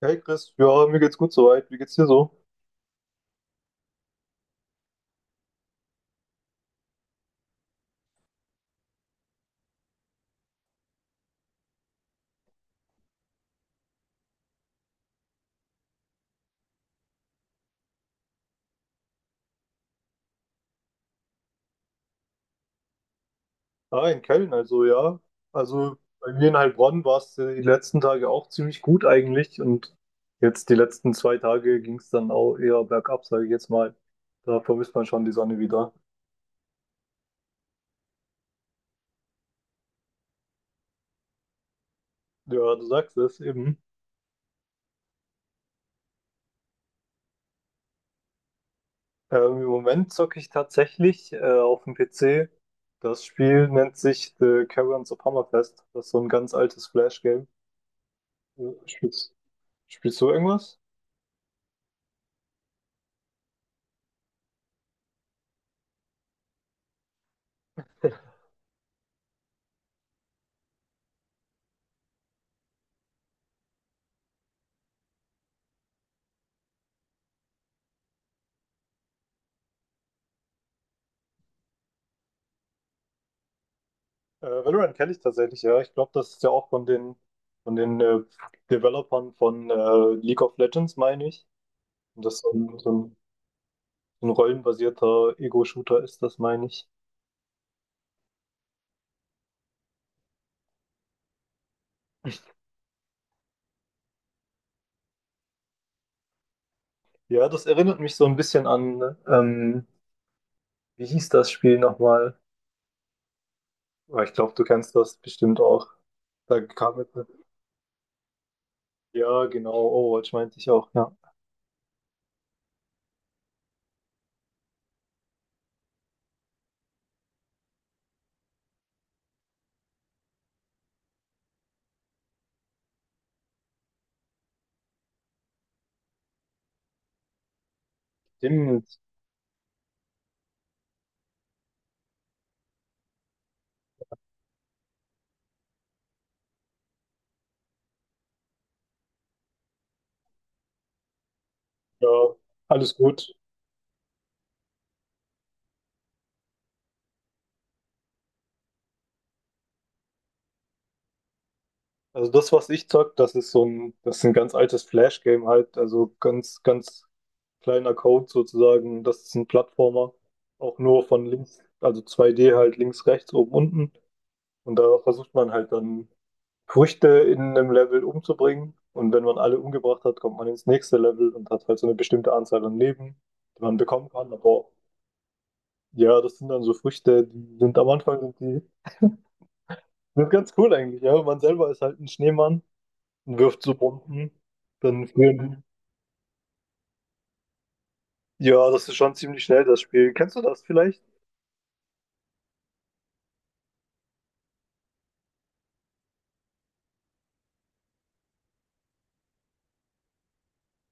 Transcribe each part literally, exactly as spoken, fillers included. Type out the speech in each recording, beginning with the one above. Hey Chris, ja, mir geht's gut soweit. Wie geht's dir so? Ah, in Köln, also ja. Also bei mir in Heilbronn war es die letzten Tage auch ziemlich gut eigentlich und jetzt die letzten zwei Tage ging's dann auch eher bergab, sage ich jetzt mal. Da vermisst man schon die Sonne wieder. Ja, du sagst es eben. Ähm, im Moment zocke ich tatsächlich äh, auf dem P C. Das Spiel nennt sich The Caverns of Hammerfest. Das ist so ein ganz altes Flash-Game. Äh, Spielst, spielst du irgendwas? Äh, Valorant kenne ich tatsächlich, ja. Ich glaube, das ist ja auch von den, von den äh, Developern von äh, League of Legends, meine ich. Und das so ein, so ein, so ein rollenbasierter Ego-Shooter ist, das meine ich. Ja, das erinnert mich so ein bisschen an, ähm, wie hieß das Spiel nochmal? Aber ich glaube, du kennst das bestimmt auch. Da kam jetzt, ja, genau, Overwatch meinte ich auch, ja. Stimmt, ja, alles gut. Also das, was ich zock, das ist so ein, das ist ein ganz altes Flash-Game halt, also ganz, ganz kleiner Code sozusagen. Das ist ein Plattformer, auch nur von links, also zwei D halt links, rechts, oben, unten. Und da versucht man halt dann Früchte in einem Level umzubringen. Und wenn man alle umgebracht hat, kommt man ins nächste Level und hat halt so eine bestimmte Anzahl an Leben, die man bekommen kann. Aber ja, das sind dann so Früchte, die sind am Anfang sind die sind ganz cool eigentlich, ja. Man selber ist halt ein Schneemann und wirft so Bomben. Dann führen. Ja, das ist schon ziemlich schnell, das Spiel. Kennst du das vielleicht?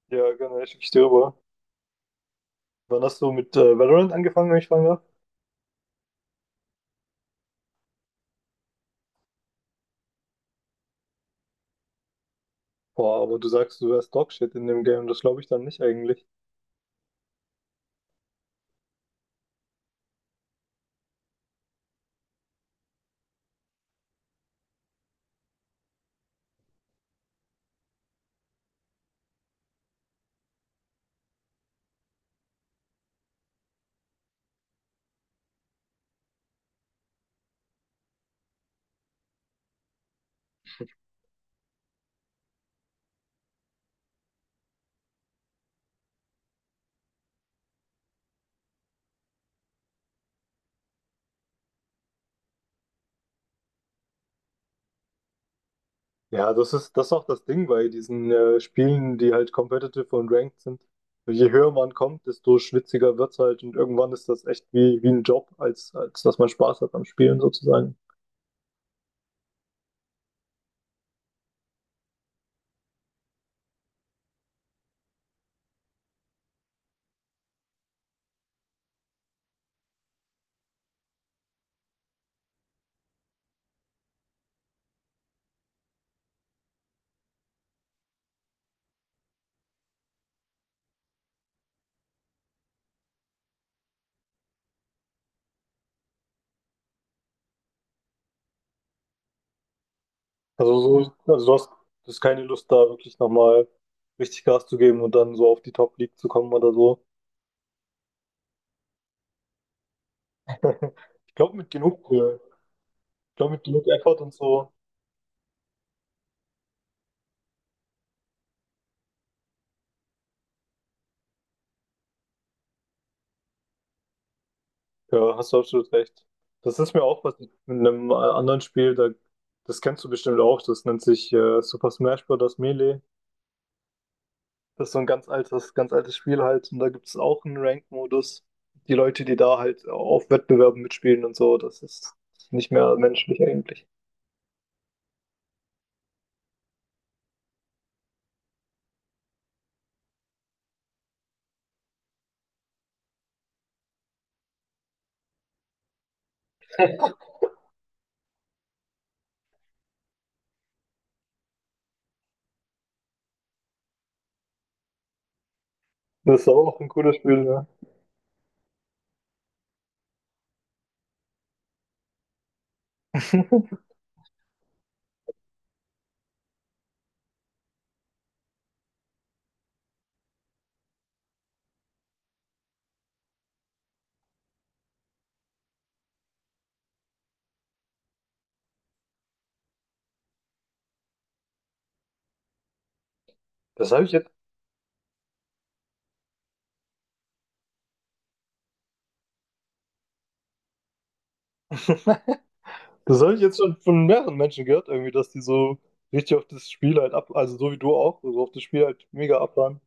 Ja, genau. Schicke ich dir rüber. Wann hast du mit äh, Valorant angefangen, wenn ich fragen darf? Boah, aber du sagst, du wärst Dogshit in dem Game, das glaube ich dann nicht eigentlich. Ja, das ist, das ist auch das Ding bei diesen äh, Spielen, die halt competitive und ranked sind. Je höher man kommt, desto schwitziger wird's halt und irgendwann ist das echt wie, wie ein Job, als, als dass man Spaß hat am Spielen sozusagen. Also, so, also du hast, du hast keine Lust, da wirklich nochmal richtig Gas zu geben und dann so auf die Top League zu kommen oder so. Ich glaube, mit genug, äh, ich glaube, mit genug Effort und so, ja, hast du absolut recht. Das ist mir auch was mit einem äh, anderen Spiel, da, das kennst du bestimmt auch, das nennt sich äh, Super Smash Bros. Melee. Das ist so ein ganz altes, ganz altes Spiel halt und da gibt es auch einen Ranked-Modus. Die Leute, die da halt auf Wettbewerben mitspielen und so, das ist nicht mehr menschlich eigentlich. Das ist auch ein cooles Spiel, ja. Das habe ich jetzt, das habe ich jetzt schon von mehreren Menschen gehört, irgendwie, dass die so richtig auf das Spiel halt ab, also so wie du auch, so auf das Spiel halt mega abfahren.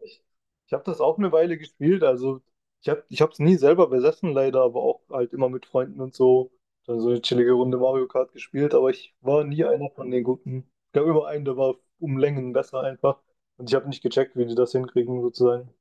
Ich, ich habe das auch eine Weile gespielt, also ich habe, ich habe es nie selber besessen leider, aber auch halt immer mit Freunden und so, dann so eine chillige Runde Mario Kart gespielt, aber ich war nie einer von den Guten. Ich gab immer einen, der war um Längen besser einfach und ich habe nicht gecheckt, wie die das hinkriegen sozusagen.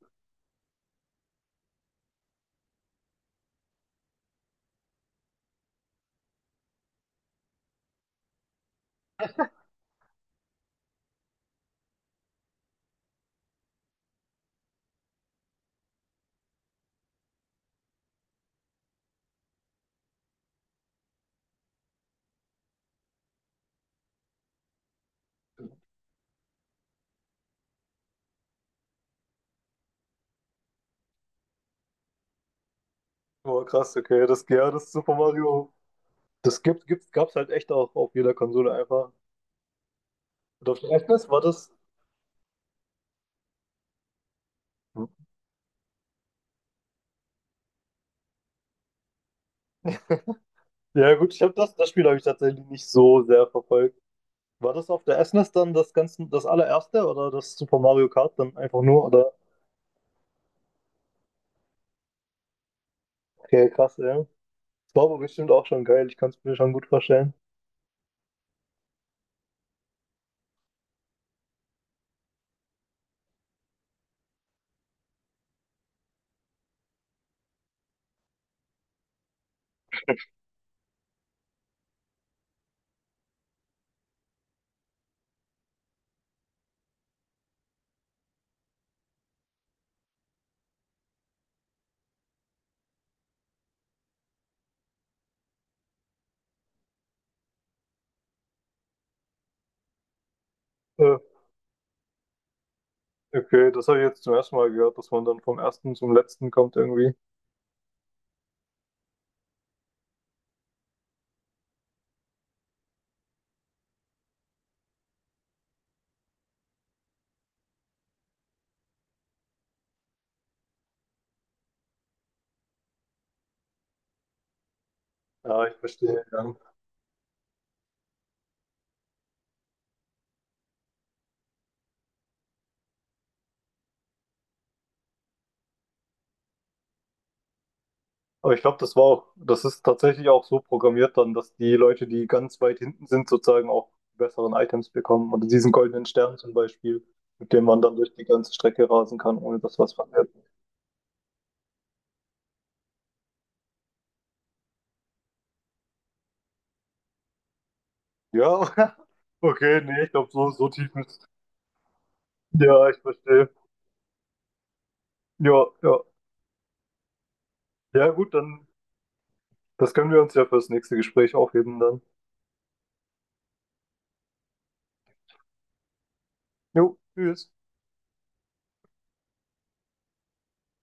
Boah, krass, okay, das, ja, das Super Mario, das gibt, gibt, gab's halt echt auch auf jeder Konsole einfach. Und auf der Essenes, war das? Ja gut, ich habe das, das Spiel habe ich tatsächlich nicht so sehr verfolgt. War das auf der S N E S dann das ganze, das allererste oder das Super Mario Kart dann einfach nur? Oder? Okay, krass, ja. Das war aber bestimmt auch schon geil, ich kann es mir schon gut vorstellen. Äh, okay, das habe ich jetzt zum ersten Mal gehört, dass man dann vom ersten zum letzten kommt irgendwie. Ja, ich verstehe, ja. Aber ich glaube, das war auch, das ist tatsächlich auch so programmiert dann, dass die Leute, die ganz weit hinten sind, sozusagen auch die besseren Items bekommen. Oder diesen goldenen Stern zum Beispiel, mit dem man dann durch die ganze Strecke rasen kann, ohne dass was verliert. Ja, okay, nee, ich glaube, so, so tief ist. Ja, ich verstehe. Ja, ja. Ja, gut, dann, das können wir uns ja fürs nächste Gespräch aufheben dann. Jo, tschüss.